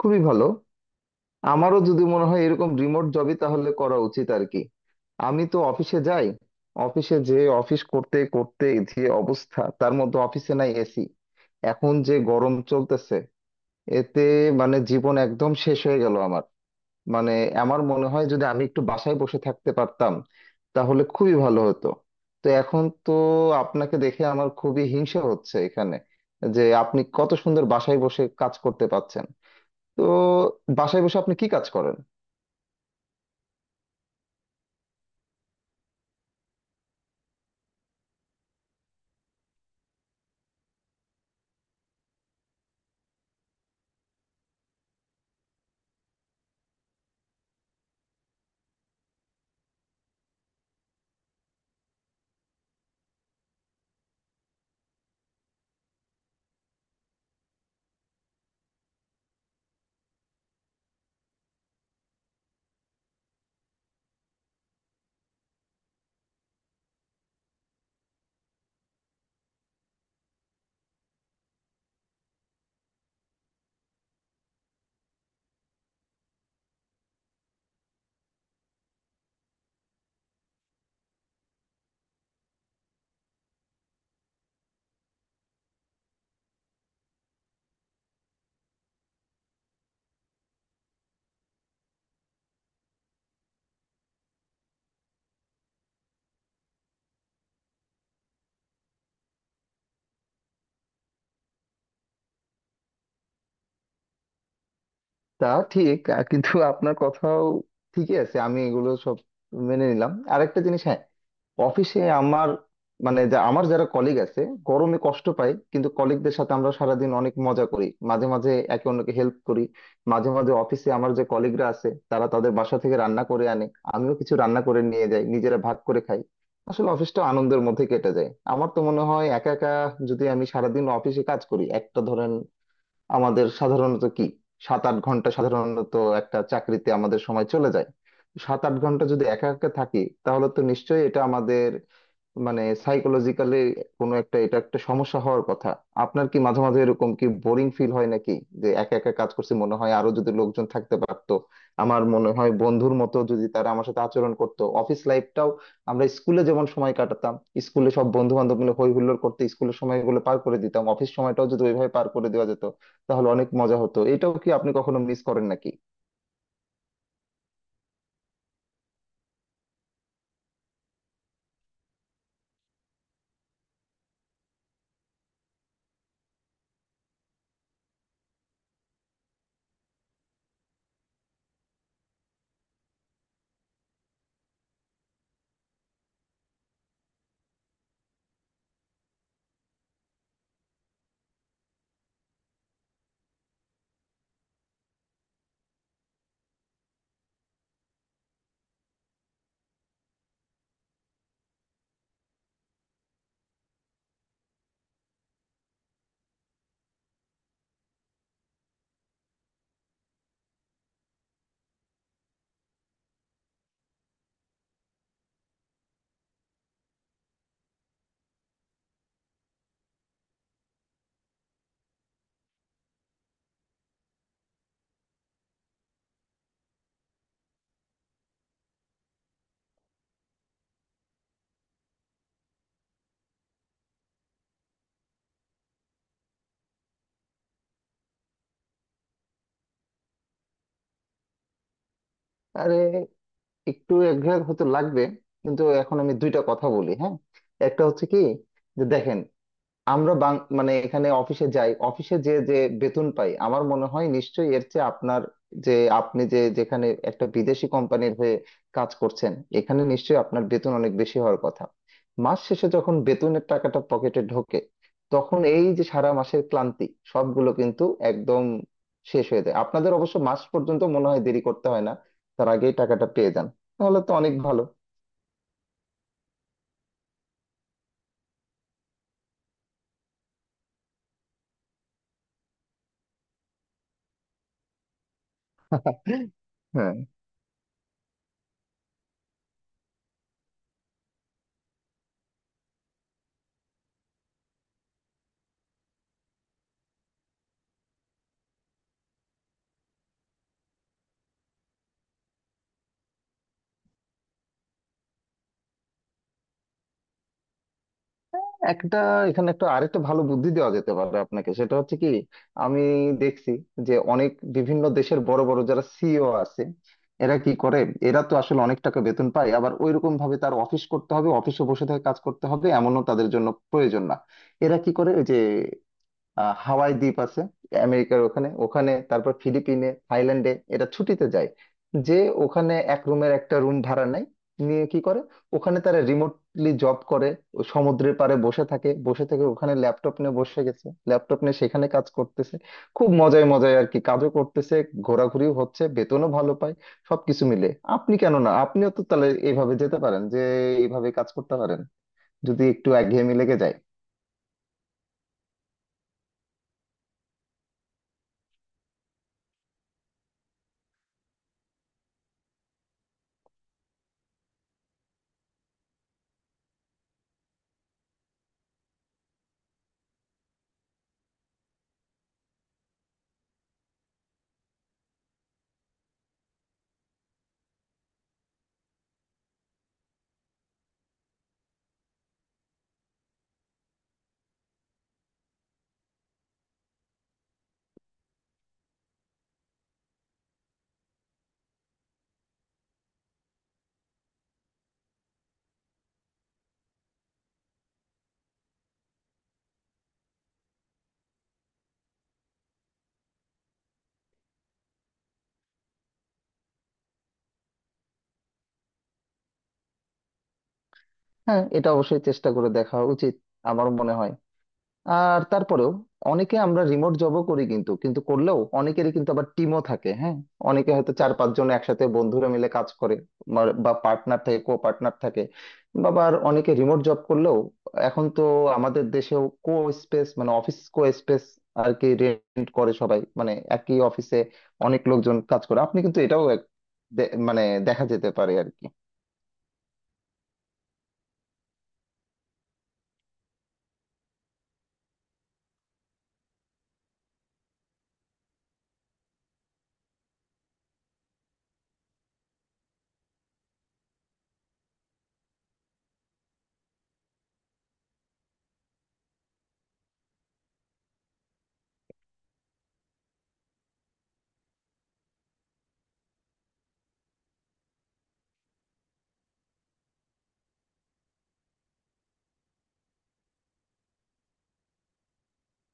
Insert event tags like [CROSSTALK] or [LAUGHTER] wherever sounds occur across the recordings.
খুবই ভালো। আমারও যদি মনে হয় এরকম রিমোট জবই তাহলে করা উচিত আর কি। আমি তো অফিসে যাই। অফিসে যে অফিস করতে করতে যে অবস্থা, তার মধ্যে অফিসে নাই এসি। এখন যে গরম চলতেছে, এতে মানে জীবন একদম শেষ হয়ে গেল আমার। মানে আমার মনে হয় যদি আমি একটু বাসায় বসে থাকতে পারতাম, তাহলে খুবই ভালো হতো। তো এখন তো আপনাকে দেখে আমার খুবই হিংসা হচ্ছে এখানে, যে আপনি কত সুন্দর বাসায় বসে কাজ করতে পারছেন। তো বাসায় বসে আপনি কি কাজ করেন? তা ঠিক কিন্তু আপনার কথাও ঠিকই আছে। আমি এগুলো সব মেনে নিলাম। আরেকটা জিনিস, হ্যাঁ, অফিসে আমার মানে যা আমার যারা কলিগ আছে, গরমে কষ্ট পাই, কিন্তু কলিগদের সাথে আমরা সারাদিন অনেক মজা করি, মাঝে মাঝে একে অন্যকে হেল্প করি। মাঝে মাঝে অফিসে আমার যে কলিগরা আছে, তারা তাদের বাসা থেকে রান্না করে আনে, আমিও কিছু রান্না করে নিয়ে যাই, নিজেরা ভাগ করে খাই। আসলে অফিসটা আনন্দের মধ্যে কেটে যায়। আমার তো মনে হয় একা একা যদি আমি সারাদিন অফিসে কাজ করি, একটা ধরেন আমাদের সাধারণত কি 7-8 ঘন্টা সাধারণত একটা চাকরিতে আমাদের সময় চলে যায়, 7-8 ঘন্টা যদি একা একা থাকি, তাহলে তো নিশ্চয়ই এটা আমাদের মানে সাইকোলজিক্যালি কোনো একটা এটা একটা সমস্যা হওয়ার কথা। আপনার কি মাঝে মাঝে এরকম কি বোরিং ফিল হয় নাকি, যে একা একা কাজ করছি, মনে হয় আরো যদি লোকজন থাকতে পারতো? আমার মনে হয় বন্ধুর মতো যদি তারা আমার সাথে আচরণ করতো, অফিস লাইফটাও আমরা স্কুলে যেমন সময় কাটাতাম, স্কুলে সব বন্ধু বান্ধব মিলে হই হুল্লোড় করতে স্কুলের সময়গুলো পার করে দিতাম, অফিস সময়টাও যদি ওইভাবে পার করে দেওয়া যেত, তাহলে অনেক মজা হতো। এটাও কি আপনি কখনো মিস করেন নাকি? আরে একটু একঘেয়ে হতে লাগবে। কিন্তু এখন আমি দুইটা কথা বলি, হ্যাঁ। একটা হচ্ছে কি, যে দেখেন, আমরা মানে এখানে অফিসে যাই, অফিসে যে যে বেতন পাই, আমার মনে হয় নিশ্চয়ই এর চেয়ে আপনার, যে আপনি যে যেখানে একটা বিদেশি কোম্পানির হয়ে কাজ করছেন, এখানে নিশ্চয়ই আপনার বেতন অনেক বেশি হওয়ার কথা। মাস শেষে যখন বেতনের টাকাটা পকেটে ঢোকে, তখন এই যে সারা মাসের ক্লান্তি, সবগুলো কিন্তু একদম শেষ হয়ে যায়। আপনাদের অবশ্য মাস পর্যন্ত মনে হয় দেরি করতে হয় না, তার আগেই টাকাটা পেয়ে যান, তাহলে তো অনেক ভালো। [LAUGHS] হ্যাঁ। একটা এখানে একটা আরেকটা ভালো বুদ্ধি দেওয়া যেতে পারে আপনাকে। সেটা হচ্ছে কি, আমি দেখছি যে অনেক বিভিন্ন দেশের বড় বড় যারা সিইও আছে, এরা কি করে, এরা তো আসলে অনেক টাকা বেতন পায়, আবার ওইরকম ভাবে তার অফিস করতে হবে, অফিসে বসে থেকে কাজ করতে হবে, এমনও তাদের জন্য প্রয়োজন না। এরা কি করে, ওই যে আহ হাওয়াই দ্বীপ আছে আমেরিকার, ওখানে ওখানে তারপর ফিলিপিনে, থাইল্যান্ডে এটা ছুটিতে যায়, যে ওখানে এক রুমের একটা রুম ভাড়া নেয়, নিয়ে কি করে, ওখানে তারা রিমোটলি জব করে। ও সমুদ্রের পাড়ে বসে থাকে, বসে থেকে ওখানে ল্যাপটপ নিয়ে বসে গেছে, ল্যাপটপ নিয়ে সেখানে কাজ করতেছে, খুব মজায় মজায় আর কি। কাজও করতেছে, ঘোরাঘুরিও হচ্ছে, বেতনও ভালো পায়, সবকিছু মিলে। আপনি কেন না, আপনিও তো তাহলে এইভাবে যেতে পারেন, যে এইভাবে কাজ করতে পারেন, যদি একটু একঘেয়েমি লেগে যায়। হ্যাঁ এটা অবশ্যই চেষ্টা করে দেখা উচিত আমার মনে হয়। আর তারপরেও অনেকে আমরা রিমোট জবও করি, কিন্তু কিন্তু করলেও অনেকেরই কিন্তু আবার টিমও থাকে, হ্যাঁ। অনেকে হয়তো 4-5 জন একসাথে বন্ধুরা মিলে কাজ করে, বা পার্টনার থাকে, কো পার্টনার থাকে। বা আবার অনেকে রিমোট জব করলেও এখন তো আমাদের দেশেও কো স্পেস মানে অফিস কো স্পেস আর কি রেন্ট করে, সবাই মানে একই অফিসে অনেক লোকজন কাজ করে। আপনি কিন্তু এটাও মানে দেখা যেতে পারে আর কি।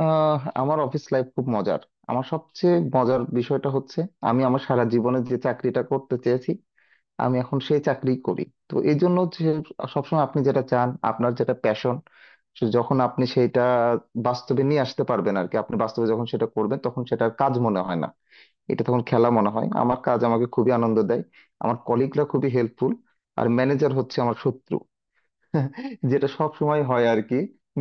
আমার অফিস লাইফ খুব মজার। আমার সবচেয়ে মজার বিষয়টা হচ্ছে, আমি আমার সারা জীবনে যে চাকরিটা করতে চেয়েছি, আমি এখন সেই চাকরি করি। তো এই জন্য যে, সবসময় আপনি যেটা চান, আপনার যেটা প্যাশন, যখন আপনি সেটা বাস্তবে নিয়ে আসতে পারবেন আর কি, আপনি বাস্তবে যখন সেটা করবেন, তখন সেটার কাজ মনে হয় না, এটা তখন খেলা মনে হয়। আমার কাজ আমাকে খুবই আনন্দ দেয়। আমার কলিগরা খুবই হেল্পফুল। আর ম্যানেজার হচ্ছে আমার শত্রু, যেটা সব সময় হয় আর কি।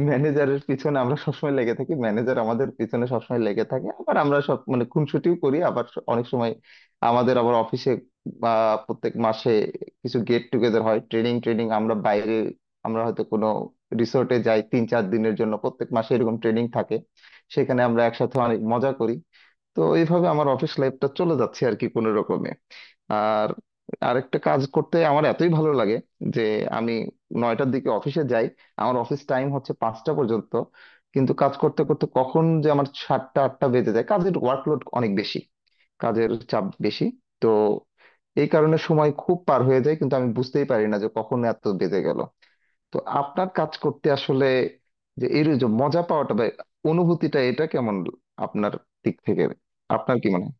ম্যানেজারের পিছনে আমরা সবসময় লেগে থাকি, ম্যানেজার আমাদের পিছনে সবসময় লেগে থাকে, আবার আমরা সব মানে খুনসুটিও করি। আবার অনেক সময় আমাদের আবার অফিসে বা প্রত্যেক মাসে কিছু গেট টুগেদার হয়, ট্রেনিং, আমরা বাইরে, আমরা হয়তো কোনো রিসোর্টে যাই 3-4 দিনের জন্য, প্রত্যেক মাসে এরকম ট্রেনিং থাকে, সেখানে আমরা একসাথে অনেক মজা করি। তো এইভাবে আমার অফিস লাইফটা চলে যাচ্ছে আর কি কোনো রকমে। আর আরেকটা, কাজ করতে আমার এতই ভালো লাগে যে আমি 9টার দিকে অফিসে যাই, আমার অফিস টাইম হচ্ছে 5টা পর্যন্ত, কিন্তু কাজ করতে করতে কখন যে আমার 7টা 8টা বেজে যায়, কাজের ওয়ার্কলোড অনেক বেশি, কাজের চাপ বেশি। তো এই কারণে সময় খুব পার হয়ে যায় কিন্তু আমি বুঝতেই পারি না যে কখন এত বেজে গেল। তো আপনার কাজ করতে আসলে যে এর যে মজা পাওয়াটা বা অনুভূতিটা, এটা কেমন আপনার দিক থেকে? আপনার কি মনে হয়?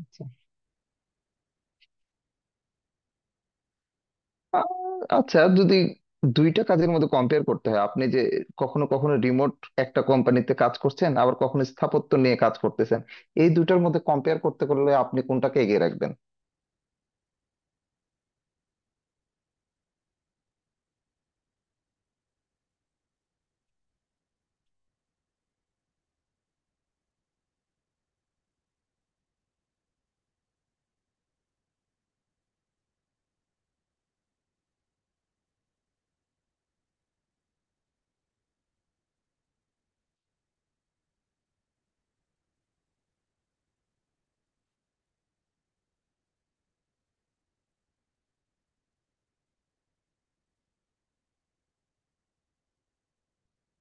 আচ্ছা, আহ, আচ্ছা যদি দুইটা কাজের মধ্যে কম্পেয়ার করতে হয়, আপনি যে কখনো কখনো রিমোট একটা কোম্পানিতে কাজ করছেন, আবার কখনো স্থাপত্য নিয়ে কাজ করতেছেন, এই দুইটার মধ্যে কম্পেয়ার করতে করলে আপনি কোনটাকে এগিয়ে রাখবেন?